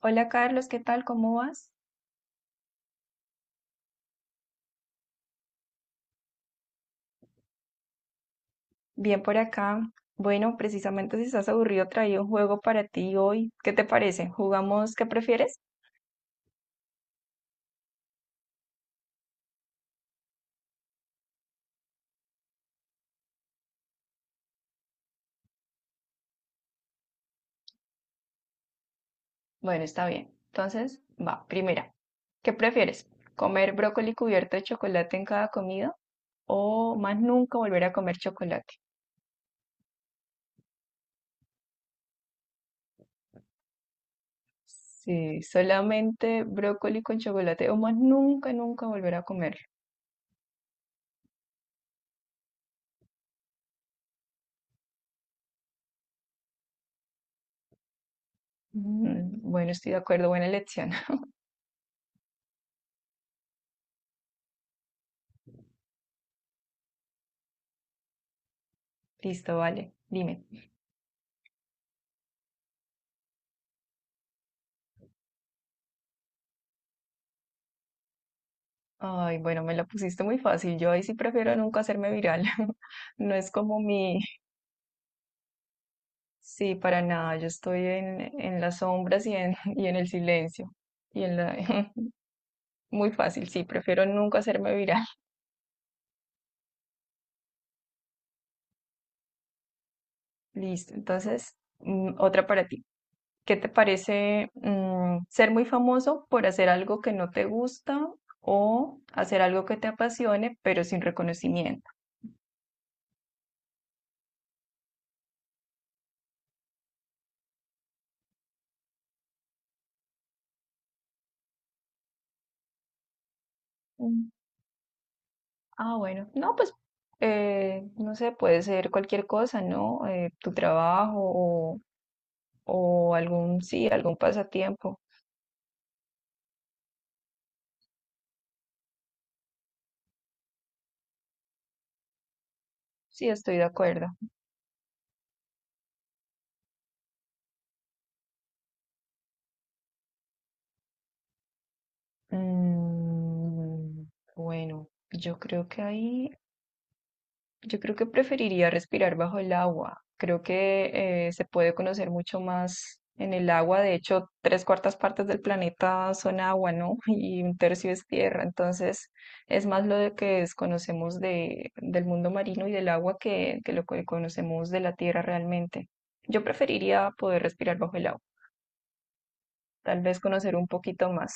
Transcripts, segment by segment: Hola Carlos, ¿qué tal? ¿Cómo vas? Bien por acá. Bueno, precisamente si estás aburrido, traí un juego para ti hoy. ¿Qué te parece? ¿Jugamos qué prefieres? Bueno, está bien. Entonces, va, primera. ¿Qué prefieres? ¿Comer brócoli cubierto de chocolate en cada comida o más nunca volver a comer chocolate? Sí, solamente brócoli con chocolate o más nunca, nunca volver a comerlo. Bueno, estoy de acuerdo, buena elección. Listo, vale. Dime. Ay, bueno, me la pusiste muy fácil. Yo ahí sí prefiero nunca hacerme viral. No es como mi... Sí, para nada. Yo estoy en las sombras y en, y en el silencio. Y en la... Muy fácil, sí, prefiero nunca hacerme viral. Listo. Entonces, otra para ti. ¿Qué te parece, ser muy famoso por hacer algo que no te gusta o hacer algo que te apasione, pero sin reconocimiento? Mm, bueno, no, pues, no sé, puede ser cualquier cosa, ¿no? Tu trabajo o algún, sí, algún pasatiempo. Sí, estoy de acuerdo. Mm, bueno, yo creo que ahí yo creo que preferiría respirar bajo el agua. Creo que, se puede conocer mucho más en el agua. De hecho, tres cuartas partes del planeta son agua, ¿no? Y un tercio es tierra. Entonces, es más lo de que desconocemos de, del mundo marino y del agua que lo que conocemos de la tierra realmente. Yo preferiría poder respirar bajo el agua. Tal vez conocer un poquito más.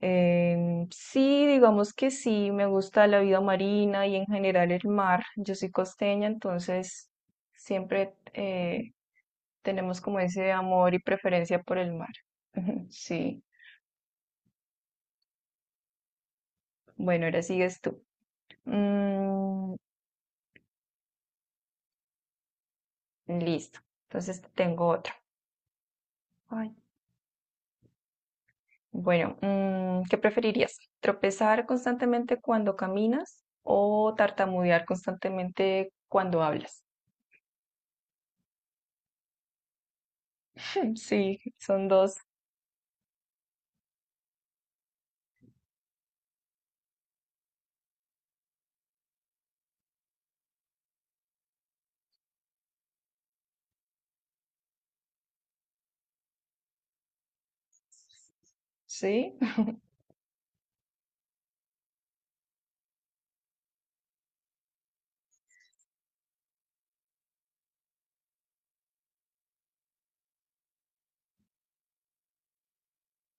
Sí, digamos que sí, me gusta la vida marina y en general el mar. Yo soy costeña, entonces siempre tenemos como ese amor y preferencia por el mar. Sí, bueno, ahora sigues tú. Mm, listo, entonces tengo otro. Ay, bueno, ¿qué preferirías? ¿Tropezar constantemente cuando caminas o tartamudear constantemente cuando hablas? Sí, son dos, sí.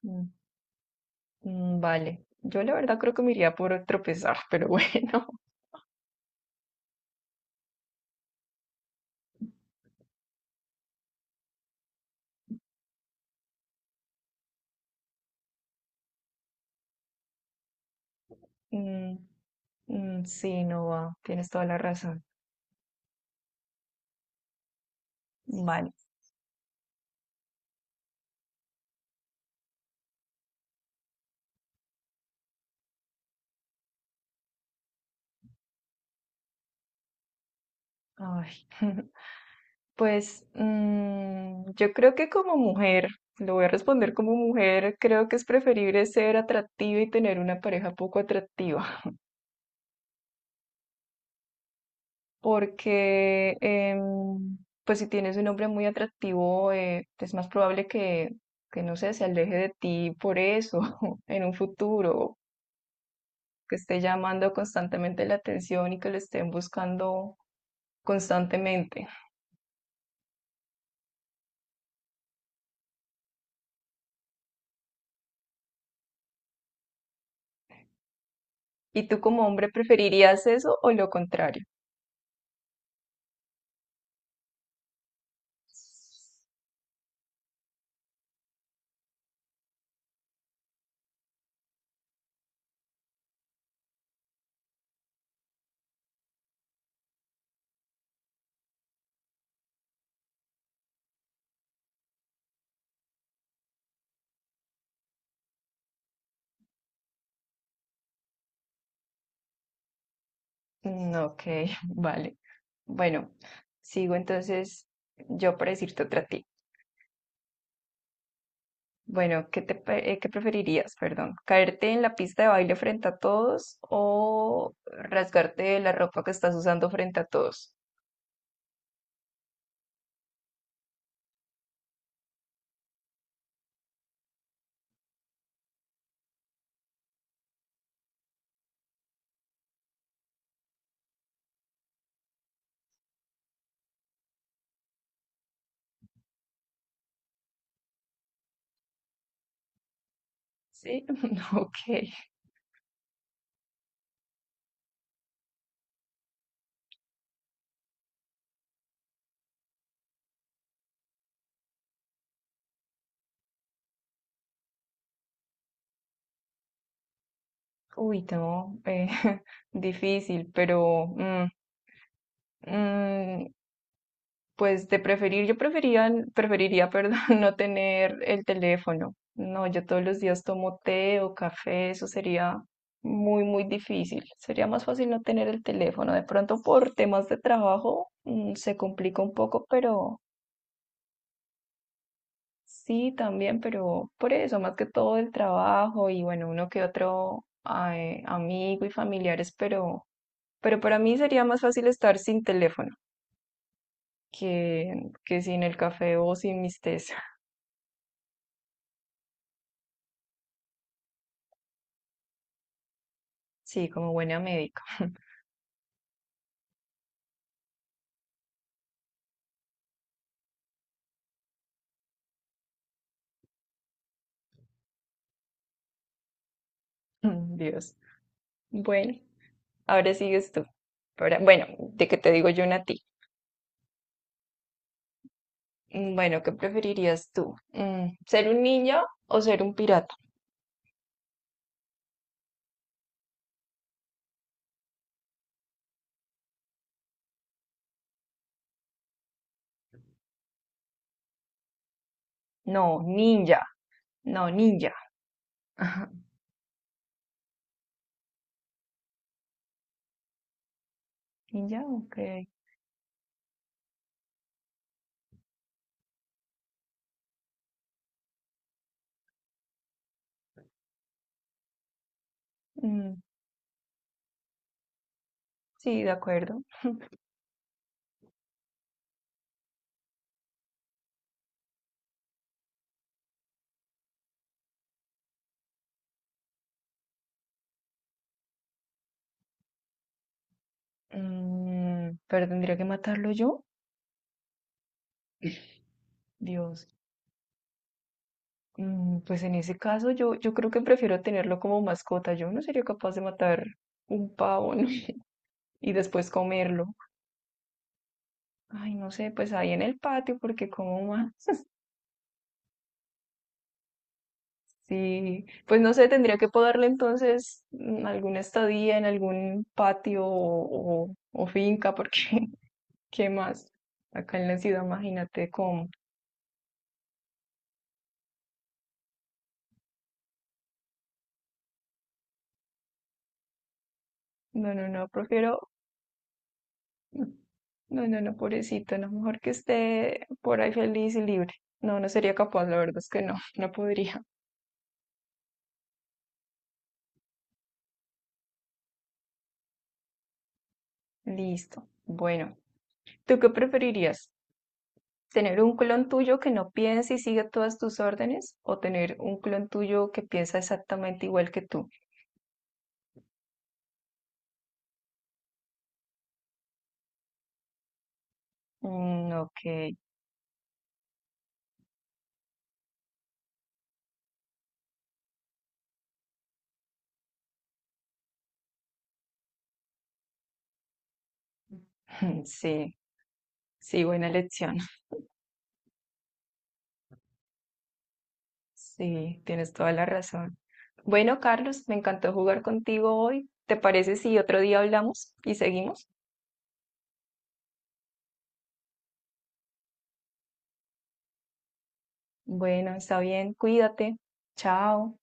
Vale, yo la verdad creo que me iría por tropezar, pero bueno. Mm, sí, no va, tienes toda la razón. Vale. Ay. Pues, yo creo que como mujer, lo voy a responder como mujer, creo que es preferible ser atractiva y tener una pareja poco atractiva. Porque, pues si tienes un hombre muy atractivo, es más probable que, no sé, se aleje de ti por eso en un futuro, que esté llamando constantemente la atención y que lo estén buscando constantemente. ¿Y tú como hombre preferirías eso o lo contrario? Ok, vale. Bueno, sigo entonces yo para decirte otra tip. Bueno, ¿qué te, qué preferirías, perdón? ¿Caerte en la pista de baile frente a todos o rasgarte la ropa que estás usando frente a todos? Sí, ok. Uy, no, difícil, pero mm, pues de preferir, yo preferiría, perdón, no tener el teléfono. No, yo todos los días tomo té o café, eso sería muy, muy difícil. Sería más fácil no tener el teléfono. De pronto por temas de trabajo, se complica un poco, pero sí también, pero por eso, más que todo el trabajo y bueno, uno que otro ay, amigo y familiares, pero para mí sería más fácil estar sin teléfono que, que sin el café o sin mis tés. Sí, como buena médica. Dios. Bueno, ahora sigues tú. Bueno, de que te digo yo una a ti. Bueno, ¿qué preferirías tú? ¿Ser un ninja o ser un pirata? No, ninja. No, ninja. Ajá. Ninja, ok. Mm, sí, de acuerdo. Pero tendría que matarlo yo. Dios. Pues en ese caso yo creo que prefiero tenerlo como mascota. Yo no sería capaz de matar un pavo, ¿no? Y después comerlo. Ay, no sé, pues ahí en el patio, porque como más, sí, pues no sé, tendría que poderle entonces, alguna estadía en algún patio o, o finca, porque ¿qué más? Acá en la ciudad, imagínate cómo. No, no, no, prefiero, no, no, no, pobrecito, no, mejor que esté por ahí feliz y libre. No, no sería capaz, la verdad es que no, no podría. Listo. Bueno, ¿tú qué preferirías? Tener un clon tuyo que no piense y siga todas tus órdenes o tener un clon tuyo que piensa exactamente igual que tú. Ok, sí, sí, buena lección. Sí, tienes toda la razón. Bueno, Carlos, me encantó jugar contigo hoy. ¿Te parece si otro día hablamos y seguimos? Bueno, está bien, cuídate. Chao.